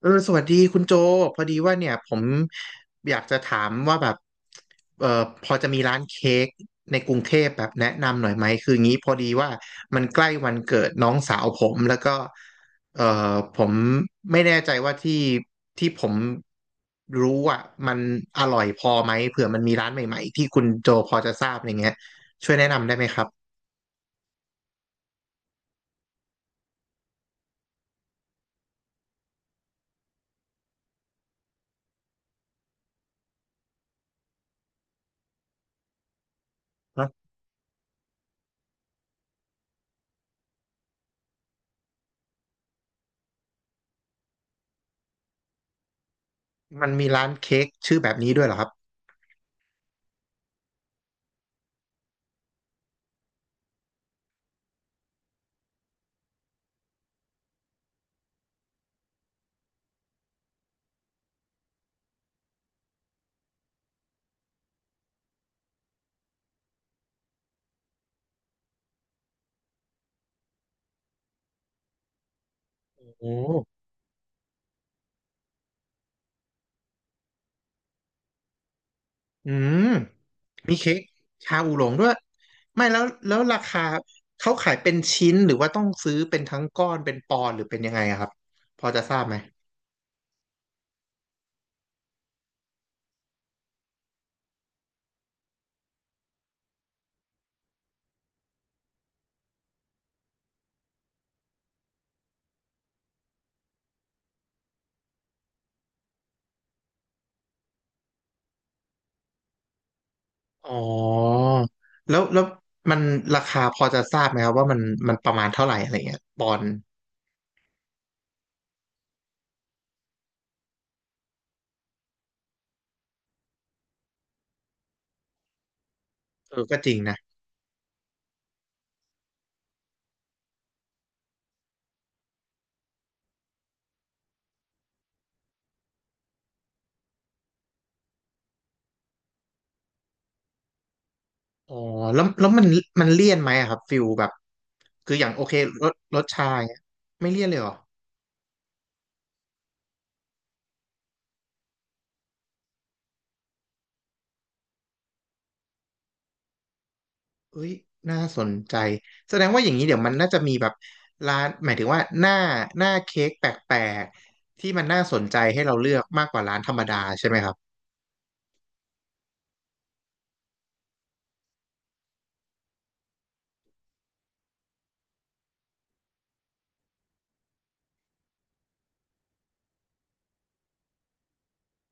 สวัสดีคุณโจพอดีว่าเนี่ยผมอยากจะถามว่าแบบเออพอจะมีร้านเค้กในกรุงเทพแบบแนะนำหน่อยไหมคืองี้พอดีว่ามันใกล้วันเกิดน้องสาวผมแล้วก็เออผมไม่แน่ใจว่าที่ผมรู้อ่ะมันอร่อยพอไหมเผื่อมันมีร้านใหม่ๆที่คุณโจพอจะทราบอะไรเงี้ยช่วยแนะนำได้ไหมครับฮะมันมีร้านเค้กชื่อแบบนี้ด้วยเหรอครับโอ้ อืมมีเค้กชาอูหลงด้วยไม่แล้วราคาเขาขายเป็นชิ้นหรือว่าต้องซื้อเป็นทั้งก้อนเป็นปอนด์หรือเป็นยังไงอะครับพอจะทราบไหมอ๋อแล้วมันราคาพอจะทราบไหมครับว่ามันประมาณเท่าไหร่อะไรเงี้ยปอนด์เออก็จริงนะอ๋อแล้วมันเลี่ยนไหมอะครับฟิลแบบคืออย่างโอเครสรสชาอย่างเงี้ยไม่เลี่ยนเลยเหรอ เอ้ยน่าสนใจแสดงว่าอย่างนี้เดี๋ยวมันน่าจะมีแบบร้านหมายถึงว่าหน้าเค้กแปลกๆที่มันน่าสนใจให้เราเลือกมากกว่าร้านธรรมดาใช่ไหมครับ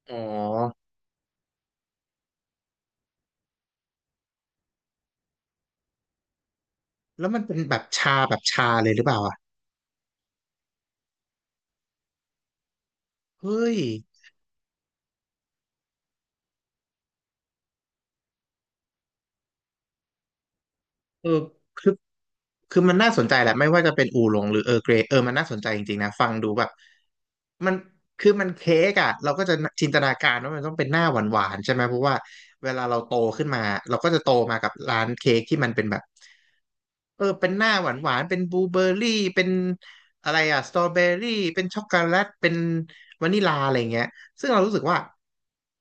อ๋อแล้วมันเป็นแบบชาแบบชาเลยหรือเปล่าอ่ะเฮ้ยเออคือคือมันน่าสนใจแหละไม่ว่าจะเป็นอูหลงหรือร์เกรย์เออมันน่าสนใจจริงๆนะฟังดูแบบมันคือมันเค้กอ่ะเราก็จะจินตนาการว่ามันต้องเป็นหน้าหวานๆใช่ไหมเพราะว่าเวลาเราโตขึ้นมาเราก็จะโตมากับร้านเค้กที่มันเป็นแบบ เป็นหน้าหวานหวานเป็นบลูเบอร์รี่เป็นอะไรอะสตรอเบอรี่เป็นช็อกโกแลตเป็นวานิลาอะไรเงี้ยซึ่งเรารู้สึกว่า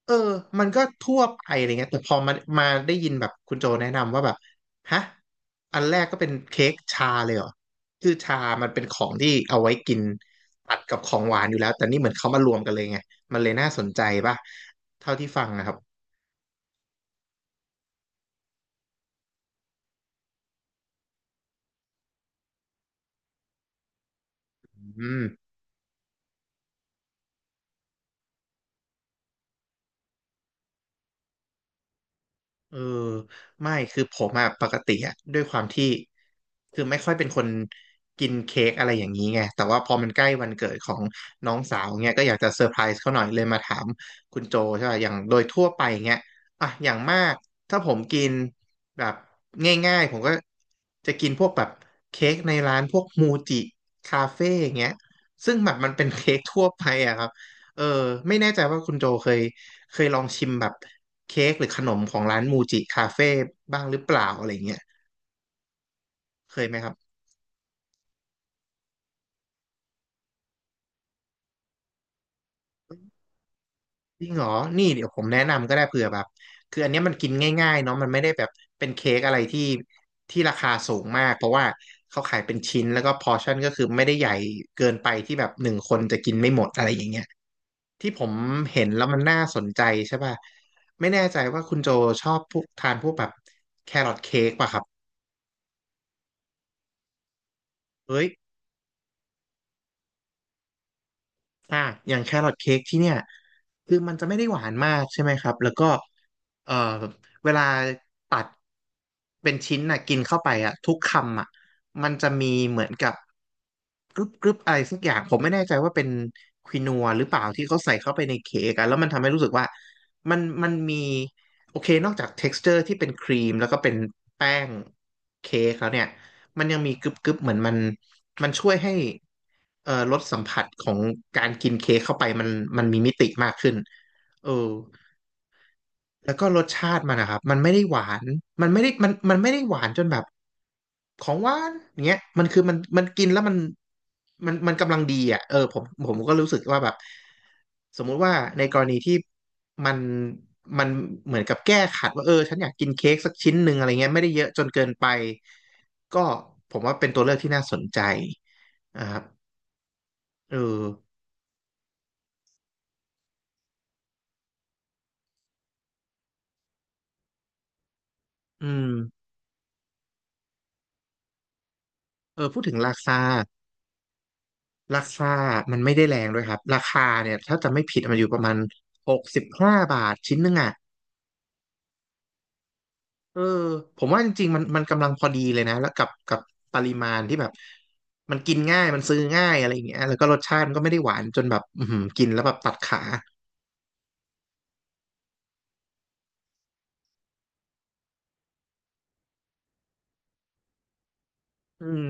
เออมันก็ทั่วไปอะไรเงี้ยแต่พอมาได้ยินแบบคุณโจแนะนำว่าแบบฮะอันแรกก็เป็นเค้กชาเลยเหรอคือชามันเป็นของที่เอาไว้กินตัดกับของหวานอยู่แล้วแต่นี่เหมือนเขามารวมกันเลยไงมันเลยน่าสนใจป่ะเท่าที่ฟังนะครับอืม เออไม่คือผมอะปกติอะด้วยความที่คือไม่ค่อยเป็นคนกินเค้กอะไรอย่างนี้ไงแต่ว่าพอมันใกล้วันเกิดของน้องสาวเงี้ยก็อยากจะเซอร์ไพรส์เขาหน่อยเลยมาถามคุณโจใช่ป่ะอย่างโดยทั่วไปเงี้ยอ่ะอย่างมากถ้าผมกินแบบง่ายๆผมก็จะกินพวกแบบเค้กในร้านพวกมูจิคาเฟ่ยงเงี้ยซึ่งแบบมันเป็นเค้กทั่วไปอะครับเออไม่แน่ใจว่าคุณโจเคยลองชิมแบบ เค้กหรือขนมของร้านมูจิคาเฟ่บ้างหรือเปล่าอะไรเงี้ยเคยไหมครับจริงเหรอนี่เดี๋ยวผมแนะนำก็ได้เผื่อแบบคืออันเนี้ยมันกินง่ายๆเนาะมันไม่ได้แบบเป็นเค้กอะไรที่ราคาสูงมากเพราะว่าเขาขายเป็นชิ้นแล้วก็พอร์ชั่นก็คือไม่ได้ใหญ่เกินไปที่แบบหนึ่งคนจะกินไม่หมดอะไรอย่างเงี้ยที่ผมเห็นแล้วมันน่าสนใจใช่ป่ะไม่แน่ใจว่าคุณโจชอบพวกทานพวกแบบแครอทเค้กป่ะครับเฮ้ย อ่ะอย่างแครอทเค้กที่เนี่ยคือมันจะไม่ได้หวานมากใช่ไหมครับแล้วก็ เอ่อเวลาตัดเป็นชิ้นน่ะกินเข้าไปอ่ะทุกคำอ่ะมันจะมีเหมือนกับกรึบกรึบอะไรสักอย่างผมไม่แน่ใจว่าเป็นควินัวหรือเปล่าที่เขาใส่เข้าไปในเค้กอะแล้วมันทำให้รู้สึกว่ามันมีโอเคนอกจาก texture ที่เป็นครีมแล้วก็เป็นแป้งเค้กแล้วเนี่ยมันยังมีกรึบกรึบเหมือนมันมันช่วยให้รสสัมผัสของการกินเค้กเข้าไปมันมีมิติมากขึ้นเออ แล้วก็รสชาติมันนะครับมันไม่ได้หวานมันไม่ได้มันไม่ได้หวานจนแบบของหวานอย่างเงี้ยมันคือมันกินแล้วมันกำลังดีอ่ะเออผมก็รู้สึกว่าแบบสมมุติว่าในกรณีที่มันมันเหมือนกับแก้ขัดว่าเออฉันอยากกินเค้กสักชิ้นหนึ่งอะไรเงี้ยไม่ได้เยอะจนเกินไปก็ผมว่าเป็นตัวเลือกที่น่าสนใจนะครับเอออืมเออพูดถึงราคา ราคามันไม่ได้แรงด้วยครับ ราคาเนี่ยถ้าจะไม่ผิดมันอยู่ประมาณ65 บาทชิ้นหนึงอ่ะเออผมว่าจริงๆมันกำลังพอดีเลยนะแล้วกับปริมาณที่แบบมันกินง่ายมันซื้อง่ายอะไรอย่างเงี้ยแล้วก็รสชาติมันก็ไม่ได้หวานจนแบบอือหือกินแล้วแบบตัดขาอืม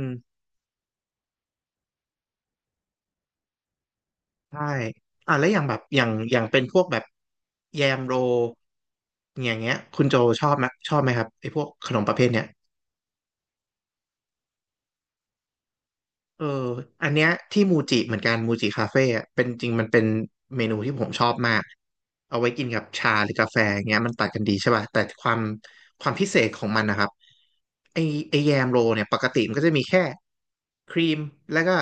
ใช่อ่ะแล้วอย่างแบบอย่างเป็นพวกแบบแยมโรอย่างเงี้ยคุณโจชอบไหมครับไอ้พวกขนมประเภทเนี้ย เอออันเนี้ยที่มูจิเหมือนกันมูจิคาเฟ่อะเป็นจริงมันเป็นเมนูที่ผมชอบมากเอาไว้กินกับชาหรือกาแฟอย่างเงี้ยมันตัดกันดีใช่ป่ะแต่ความพิเศษของมันนะครับไอไอแยมโรลเนี่ยปกติมันก็จะมีแค่ครีมแล้วก็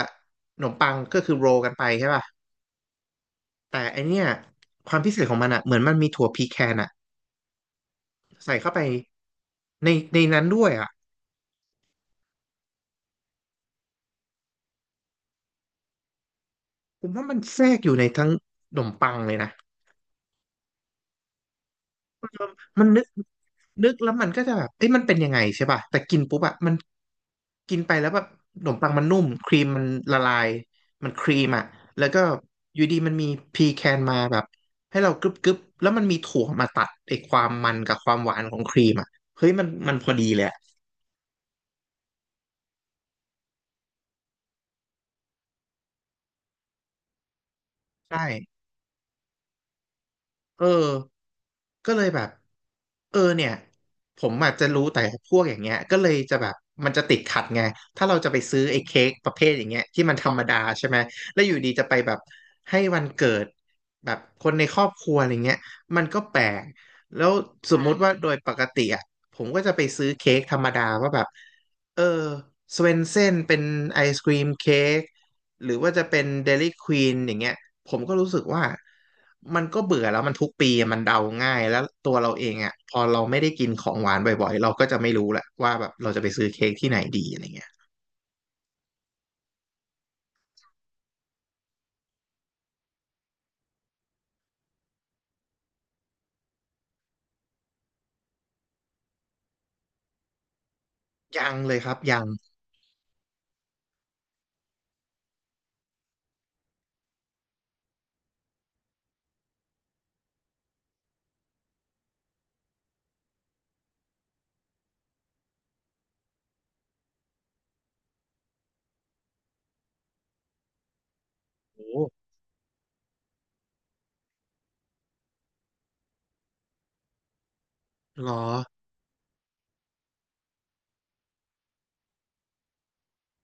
ขนมปังก็คือโรลกันไปใช่ป่ะแต่ไอเนี้ยความพิเศษของมันอะเหมือนมันมีถั่วพีแคนอะใส่เข้าไปในนั้นด้วยอะผมว่ามันแทรกอยู่ในทั้งขนมปังเลยนะ มันนึกแล้วมันก็จะแบบเอ้ยมันเป็นยังไงใช่ป่ะแต่กินปุ๊บอะมันกินไปแล้วแบบขนมปังมันนุ่มครีมมันละลายมันครีมอะแล้วก็อยู่ดีมันมีพีแคนมาแบบให้เรากรึบกรึบแล้วมันมีถั่วมาตัดไอ้ความมันกับความหวานของครีมอะเฮ้ยมันพอดีเลยอะใช่ เออก็เลยแบบเออเนี่ยผมอาจจะรู้แต่พวกอย่างเงี้ยก็เลยจะแบบมันจะติดขัดไงถ้าเราจะไปซื้อไอ้เค้กประเภทอย่างเงี้ยที่มันธรรมดาใช่ไหมแล้วอยู่ดีจะไปแบบให้วันเกิดแบบคนในครอบครัวอะไรเงี้ยมันก็แปลกแล้วสมมุติว่าโดยปกติอ่ะผมก็จะไปซื้อเค้กธรรมดาว่าแบบเออสเวนเซ่นเป็นไอศกรีมเค้ก หรือว่าจะเป็น Dairy Queen อย่างเงี้ยผมก็รู้สึกว่ามันก็เบื่อแล้วมันทุกปีมันเดาง่ายแล้วตัวเราเองอ่ะพอเราไม่ได้กินของหวานบ่อยๆเราก็จะไม่รู้แหละว่าแบบเราจะไปซื้อเค้กที่ไหนดีอะไรเงี้ยยังเลยครับยังโอ้หรอ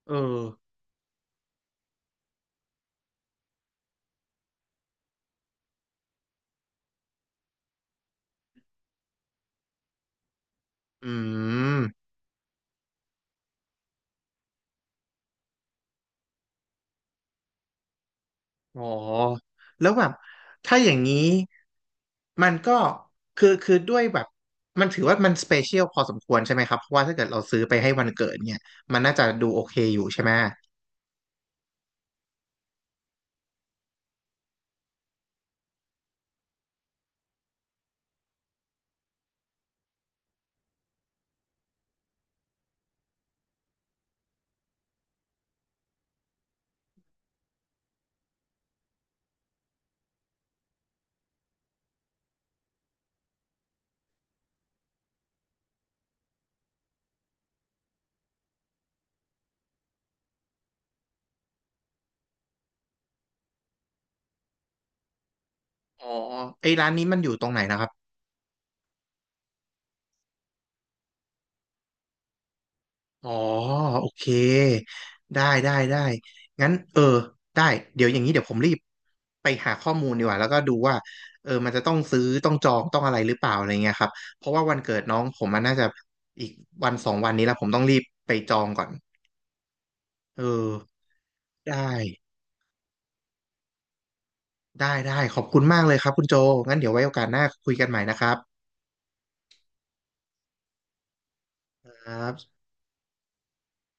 เอออืมอ๋อแล้วแบบถ้าอย่างนี้มันก็คือด้วยแบบมันถือว่ามันสเปเชียลพอสมควรใช่ไหมครับเพราะว่าถ้าเกิดเราซื้อไปให้วันเกิดเนี่ยมันน่าจะดูโอเคอยู่ใช่ไหม อ๋อไอ้ร้านนี้มันอยู่ตรงไหนนะครับอ๋อโอเคได้ได้ได้งั้นเออได้เดี๋ยวอย่างนี้เดี๋ยวผมรีบไปหาข้อมูลดีกว่าแล้วก็ดูว่าเออมันจะต้องซื้อต้องจองต้องอะไรหรือเปล่าอะไรเงี้ยครับเพราะว่าวันเกิดน้องผมมันน่าจะอีกวันสองวันนี้แล้วผมต้องรีบไปจองก่อนเออได้ได้ได้ขอบคุณมากเลยครับคุณโจงั้นเดี๋ยวไว้โอกาสหน้าคุยกันใหม่นะครับครับ